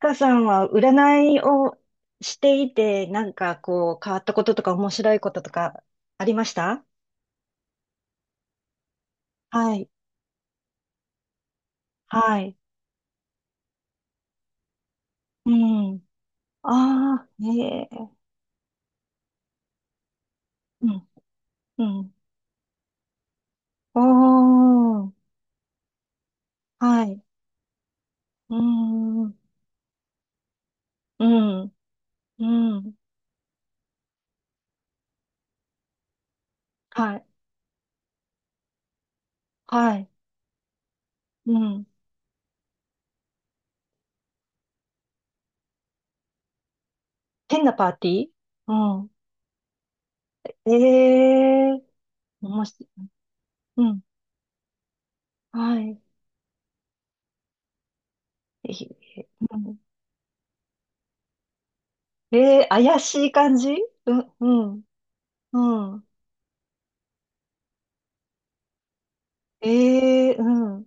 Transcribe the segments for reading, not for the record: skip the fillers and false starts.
かさんは占いをしていて、なんかこう変わったこととか面白いこととかありました。はい。はい。うん。ああ、ねえ。うん。うん。おー。はい。うん。うん。うん。はい。はい。うん。変なパーティー。うん。ええー。もし、うん。はい。え、うん、えー、怪しい感じ。うん。うん。うん。ええうん。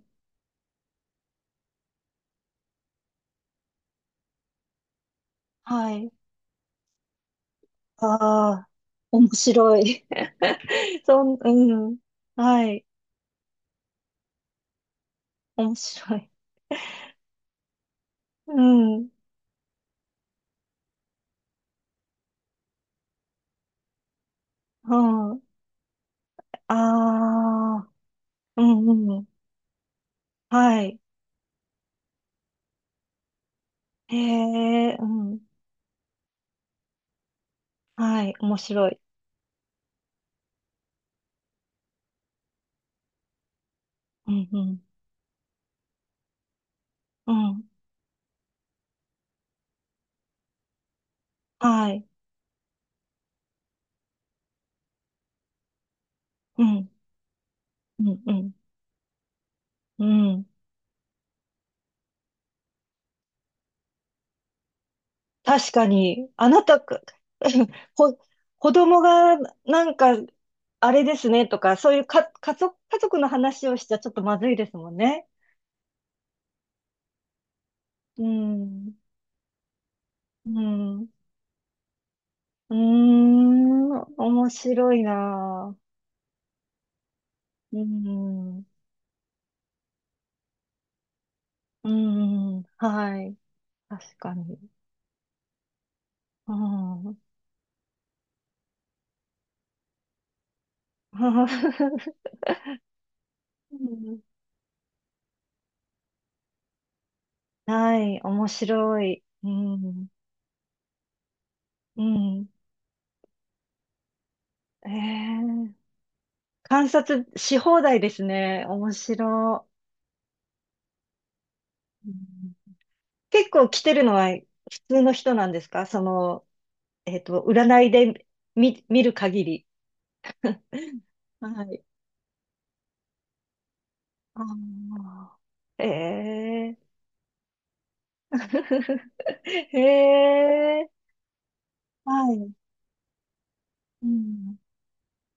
はい。ああ、面白い。そん、うん。はい。面白い。うん。うん。ああ、うんうん。はい。へえ、うん。はい。面白い。うんうん。うん。はい。うん。うんうん。うん。確かに、あなたく、こ子供がなんか、あれですねとか、そういうか、家族の話をしちゃちょっとまずいですもんね。うん、うん、うーん、面白いなぁ。うん、うん、はい、確かに。うん、うんはい、面白い。うん、うん。えー、観察し放題ですね。面白い。うん、結構来てるのは普通の人なんですか、その、えっと、占いで見、見る限り。はい。ああ、ええ ええはい。うん。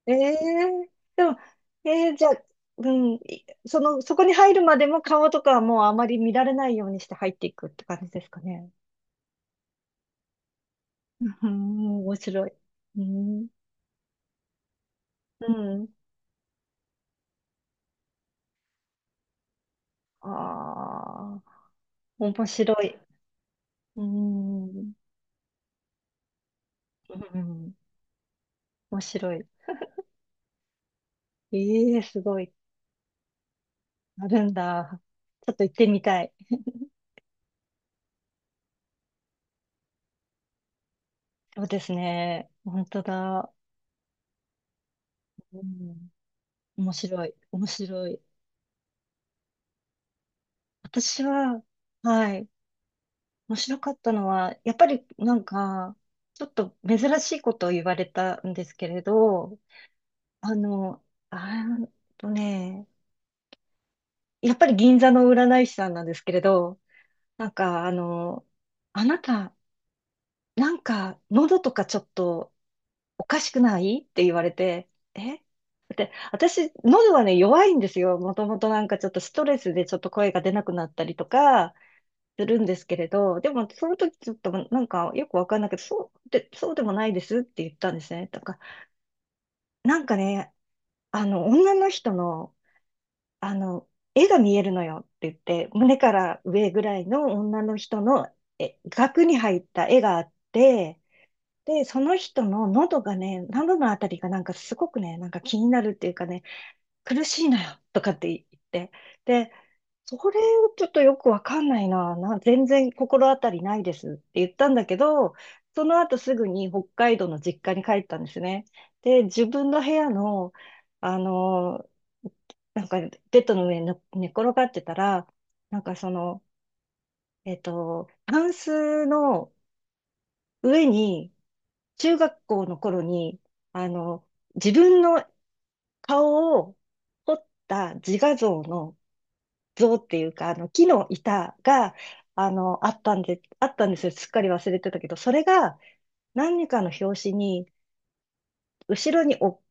ええでも、ええじゃあ、うん、い、その、そこに入るまでも顔とかはもうあまり見られないようにして入っていくって感じですかね。うん面白い。うん。うん。ああ、面白い。うーん。うん面白い。ええすごい。あるんだ。ちょっと行ってみたい。そうですね。本当だ。うん。面白い。面白い。私は、はい。面白かったのは、やっぱりなんか、ちょっと珍しいことを言われたんですけれど、あの、あーっとね、やっぱり銀座の占い師さんなんですけれど、なんかあの、あなた、なんか喉とかちょっとおかしくないって言われて、え、私、喉はね、弱いんですよ。もともとなんかちょっとストレスでちょっと声が出なくなったりとかするんですけれど、でもその時ちょっとなんかよくわかんないけど、そうでもないですって言ったんですね。とか、なんかね、あの、女の人の、あの、絵が見えるのよって言って、胸から上ぐらいの女の人のえ額に入った絵があって、で、その人の喉がね、喉のあたりがなんかすごくね、なんか気になるっていうかね、苦しいのよとかって言って、で、それをちょっとよくわかんない全然心当たりないですって言ったんだけど、その後すぐに北海道の実家に帰ったんですね。で、自分の部屋の、あの、なんかベッドの上にね寝転がってたら、なんかその、タンスの上に中学校の頃に、あの、自分の顔を彫った自画像の像っていうか、あの、木の板が、あの、あったんで、あったんですよ。すっかり忘れてたけど、それが何かの拍子に、後ろにお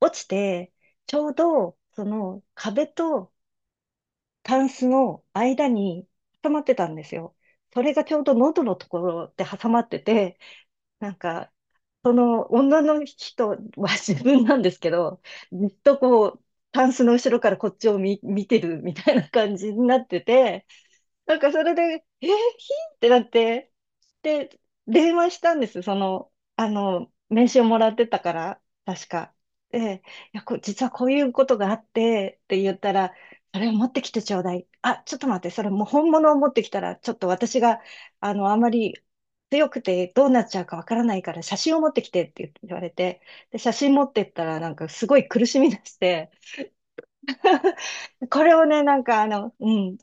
落ちて、ちょうど、その壁とタンスの間に挟まってたんですよ。それがちょうど喉のところで挟まってて、なんか、その女の人は 自分なんですけど、ずっとこう、タンスの後ろからこっちを見てるみたいな感じになってて、なんかそれで、え、ひってなって、で、電話したんです。その、あの、名刺をもらってたから、確か。で、いや、実はこういうことがあって、って言ったら、それを持ってきてちょうだい。あ、ちょっと待って、それもう本物を持ってきたら、ちょっと私が、あの、あまり強くてどうなっちゃうかわからないから、写真を持ってきてって言われて、で、写真持ってったら、なんかすごい苦しみだして、これをね、なんかあの、うん、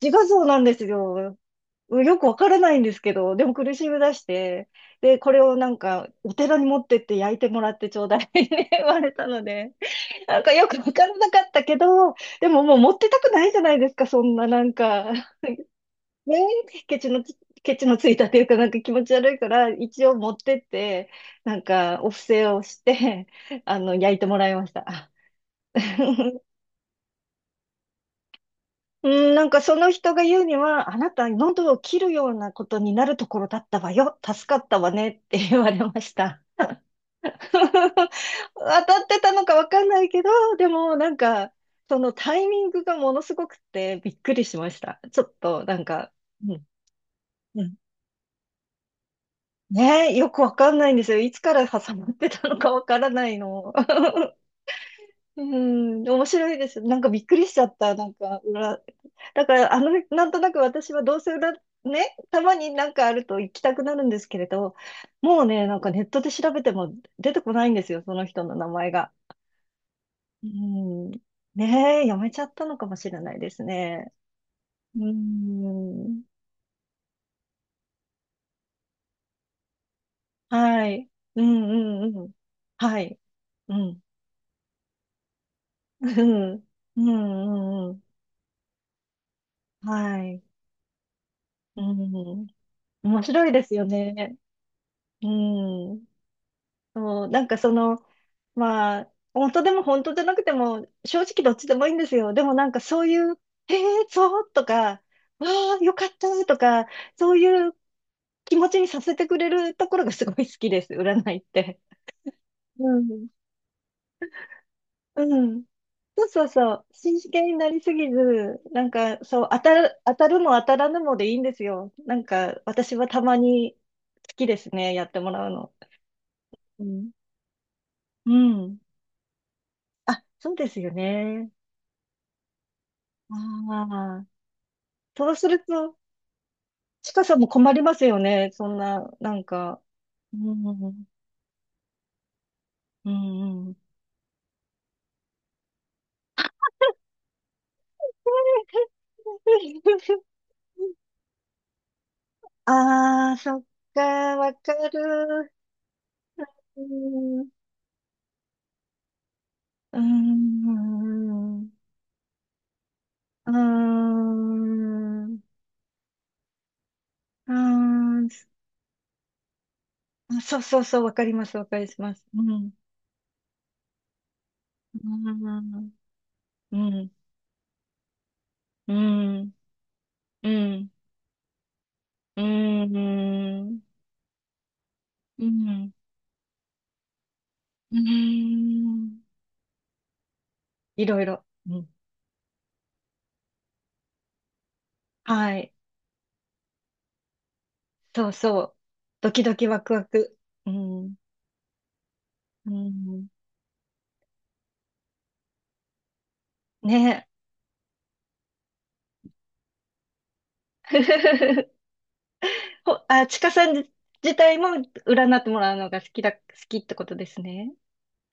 自画像なんですよ。うん、よくわからないんですけど、でも苦しみ出して、で、これをなんか、お寺に持ってって焼いてもらってちょうだい って言われたので、なんかよくわからなかったけど、でももう持ってたくないじゃないですか、そんななんか。ねえ、ケチのついたというか、なんか気持ち悪いから、一応持ってって、なんか、お布施をして、あの、焼いてもらいました。うん、なんかその人が言うには、あなた喉を切るようなことになるところだったわよ。助かったわねって言われました。当たってたのかわかんないけど、でもなんか、そのタイミングがものすごくてびっくりしました。ちょっとなんか、うん、うん。ねえ、よくわかんないんですよ。いつから挟まってたのかわからないの。うん、面白いです。なんかびっくりしちゃった。なんか、裏、だから、あの、なんとなく私はどうせ裏、ね、たまになんかあると行きたくなるんですけれど、もうね、なんかネットで調べても出てこないんですよ、その人の名前が。うん。ねえ、やめちゃったのかもしれないですね。うん。はい。うんうんうん。はい。うん。うん。うんうんうん。はい。うん。面白いですよね。うん。そう、なんかその、まあ、本当でも本当じゃなくても、正直どっちでもいいんですよ。でもなんかそういう、えー、そうとか、わあ、よかったとか、そういう気持ちにさせてくれるところがすごい好きです、占いって。うん。うん。そうそうそう。真剣になりすぎず、なんかそう、当たるも当たらぬもでいいんですよ。なんか私はたまに好きですね、やってもらうの。うん。うん。あ、そうですよね。ああ、そうすると、ちかさんも困りますよね。そんな、なんか。うん、うん、うん。ああ、そっか、わかる。うん、うん、うん、うん、あ、そうそうそう、わかります、わかります。うん、うん、うん、うん、うん、うん、うん、うん、うん。いろいろ。うん。はい。そうそう。ドキドキワクワク。うん。うん。ねえ。ほ、あ、ちかさん自体も占ってもらうのが好きってことですね。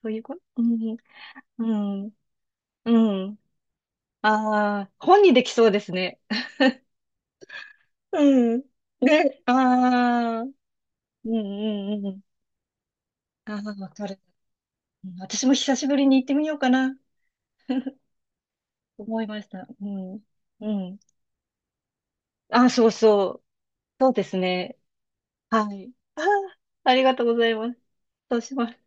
そういうことうん。うん。うん。ああ、本にできそうですね。うん。ね。ああ。うんうんうん。ああ、わかる。うん、私も久しぶりに行ってみようかな。思いました。うん。うん。あ、そうそう。そうですね。はい。あー、ありがとうございます。そうします。